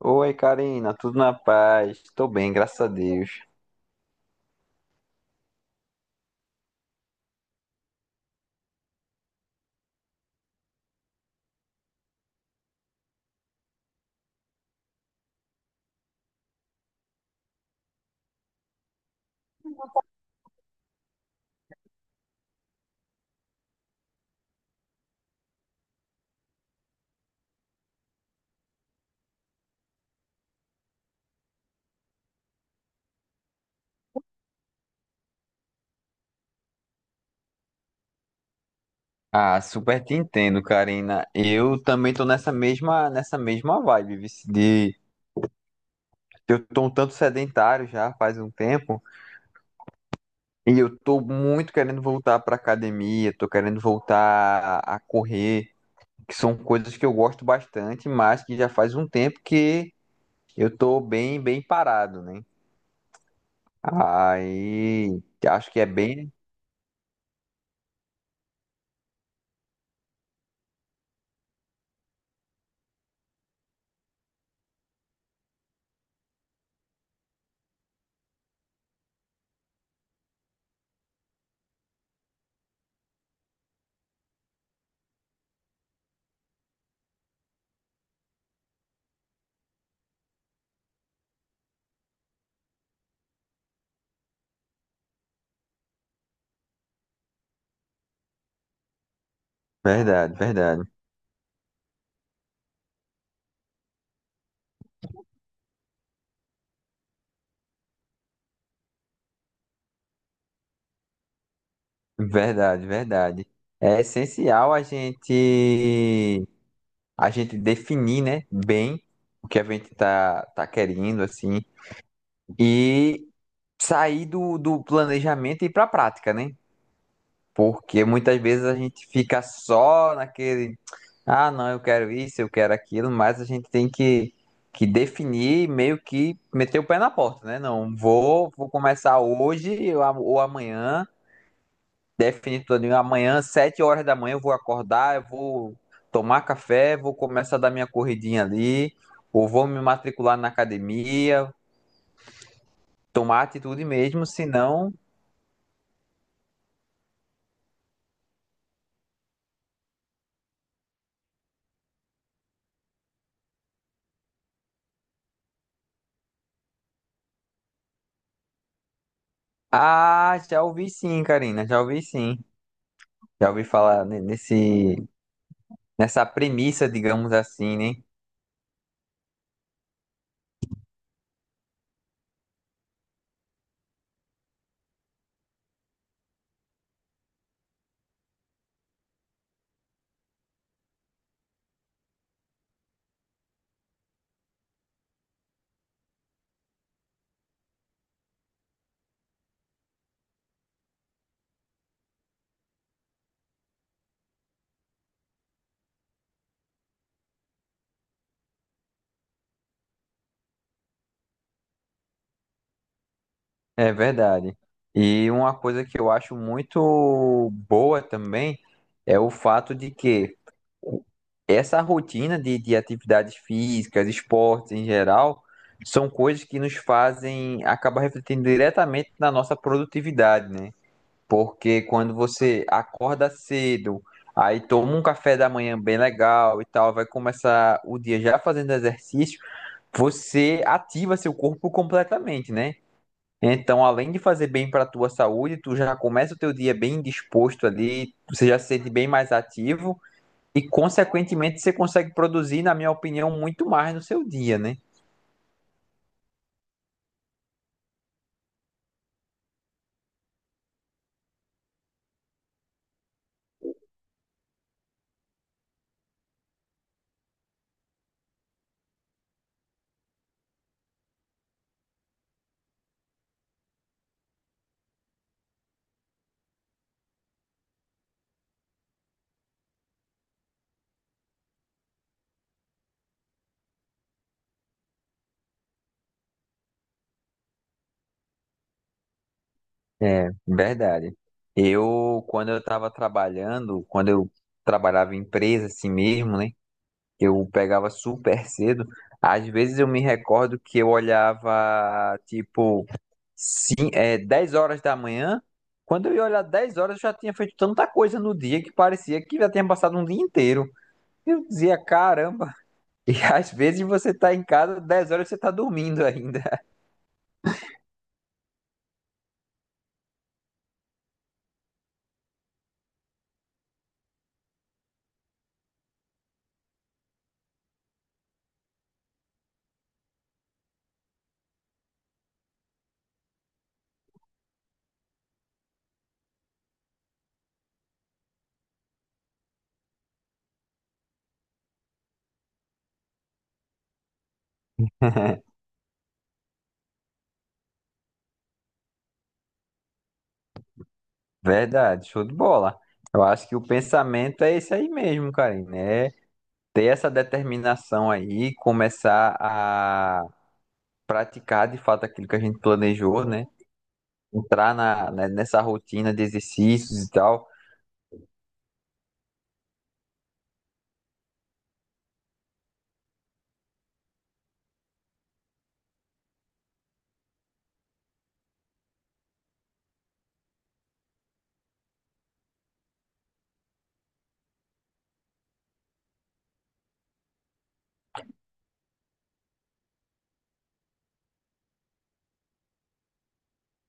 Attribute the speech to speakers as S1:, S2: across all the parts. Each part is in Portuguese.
S1: Oi, Karina, tudo na paz? Tô bem, graças a Deus. Ah, super te entendo, Karina. Eu também tô nessa mesma vibe, de eu tô um tanto sedentário já faz um tempo e eu tô muito querendo voltar pra academia, tô querendo voltar a correr, que são coisas que eu gosto bastante, mas que já faz um tempo que eu tô bem, bem parado, né? Aí, acho que é bem verdade, verdade. Verdade, verdade. É essencial a gente definir, né, bem o que a gente tá querendo assim e sair do planejamento e ir para a prática, né? Porque muitas vezes a gente fica só naquele, ah, não, eu quero isso, eu quero aquilo, mas a gente tem que definir, meio que meter o pé na porta, né? Não, vou começar hoje ou amanhã. Definido todinho. Amanhã, 7 horas da manhã, eu vou acordar, eu vou tomar café, vou começar a dar minha corridinha ali, ou vou me matricular na academia, tomar atitude mesmo, senão. Ah, já ouvi sim, Karina, já ouvi sim. Já ouvi falar nessa premissa, digamos assim, né? É verdade. E uma coisa que eu acho muito boa também é o fato de que essa rotina de atividades físicas, esportes em geral, são coisas que nos fazem acabar refletindo diretamente na nossa produtividade, né? Porque quando você acorda cedo, aí toma um café da manhã bem legal e tal, vai começar o dia já fazendo exercício, você ativa seu corpo completamente, né? Então, além de fazer bem para a tua saúde, tu já começa o teu dia bem disposto ali, você já se sente bem mais ativo. E, consequentemente, você consegue produzir, na minha opinião, muito mais no seu dia, né? É, verdade. Eu, quando eu estava trabalhando, quando eu trabalhava em empresa assim mesmo, né? Eu pegava super cedo. Às vezes eu me recordo que eu olhava, tipo, sim é, 10 horas da manhã. Quando eu ia olhar 10 horas, eu já tinha feito tanta coisa no dia que parecia que já tinha passado um dia inteiro. Eu dizia, caramba. E às vezes você tá em casa, 10 horas você tá dormindo ainda. Verdade, show de bola. Eu acho que o pensamento é esse aí mesmo, Karine. É ter essa determinação aí, começar a praticar de fato aquilo que a gente planejou, né? Entrar na, né, nessa rotina de exercícios e tal.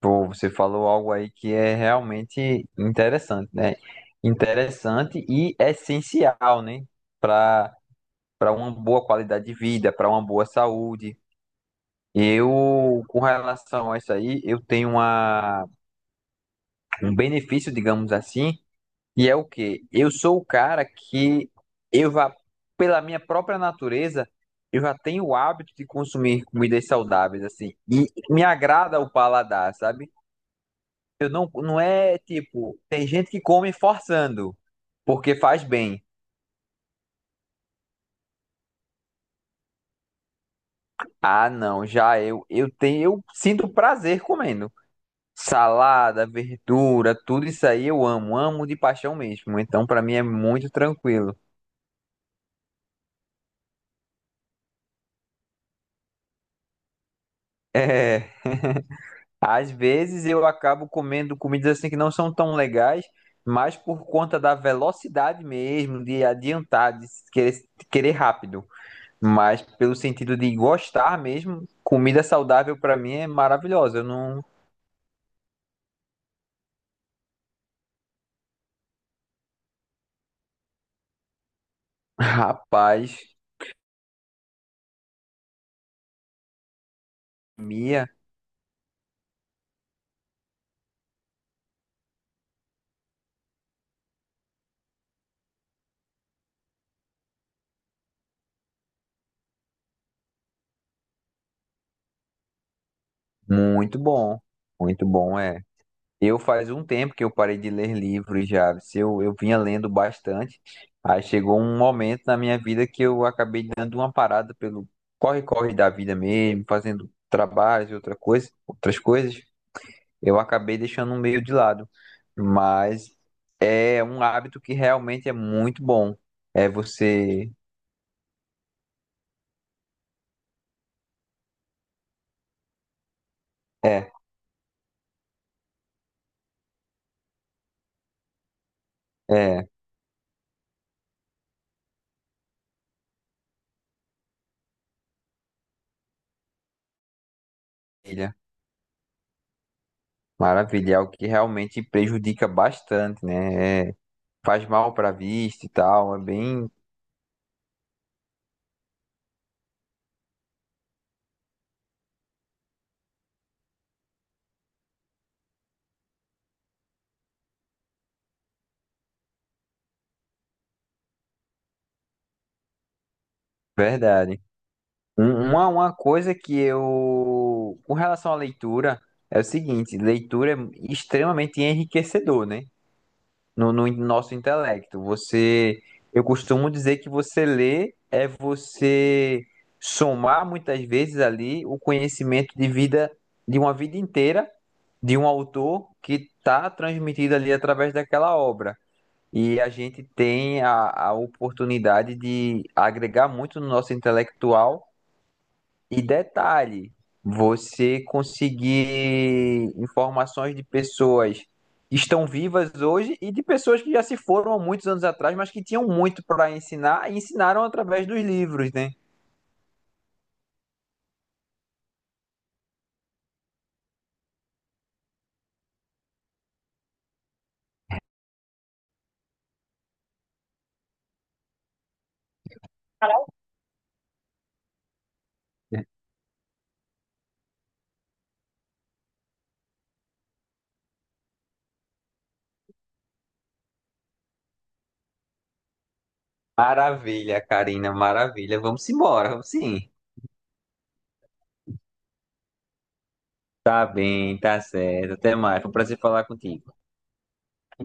S1: Pô, você falou algo aí que é realmente interessante, né? Interessante e essencial, né? Para para uma boa qualidade de vida, para uma boa saúde. Eu, com relação a isso aí, eu tenho uma um benefício, digamos assim, e é o quê? Eu sou o cara que eu já, pela minha própria natureza, eu já tenho o hábito de consumir comidas saudáveis, assim, e me agrada o paladar, sabe? Eu não, não é tipo, tem gente que come forçando, porque faz bem. Ah, não, já eu sinto prazer comendo. Salada, verdura, tudo isso aí eu amo, amo de paixão mesmo. Então, pra mim é muito tranquilo. É. Às vezes eu acabo comendo comidas assim que não são tão legais, mas por conta da velocidade mesmo, de adiantar, de querer, querer rápido. Mas pelo sentido de gostar mesmo, comida saudável pra mim é maravilhosa. Eu não, rapaz, Mia, muito bom. Muito bom, é. Eu faz um tempo que eu parei de ler livros já. Se eu, eu vinha lendo bastante. Aí chegou um momento na minha vida que eu acabei dando uma parada pelo corre-corre da vida mesmo, fazendo trabalhos e outra coisa, outras coisas. Eu acabei deixando um meio de lado. Mas é um hábito que realmente é muito bom. É você. É, é. Maravilha. Maravilha. É algo que realmente prejudica bastante, né? É, faz mal para a vista e tal. É bem verdade. Uma coisa que eu, com relação à leitura, é o seguinte, leitura é extremamente enriquecedor, né? No nosso intelecto. Você, eu costumo dizer que você lê é você somar muitas vezes ali o conhecimento de vida, de uma vida inteira, de um autor que está transmitido ali através daquela obra. E a gente tem a oportunidade de agregar muito no nosso intelectual e detalhe, você conseguir informações de pessoas que estão vivas hoje e de pessoas que já se foram há muitos anos atrás, mas que tinham muito para ensinar e ensinaram através dos livros, né? Maravilha, Karina, maravilha. Vamos embora, vamos sim. Tá bem, tá certo. Até mais. Foi um prazer falar contigo.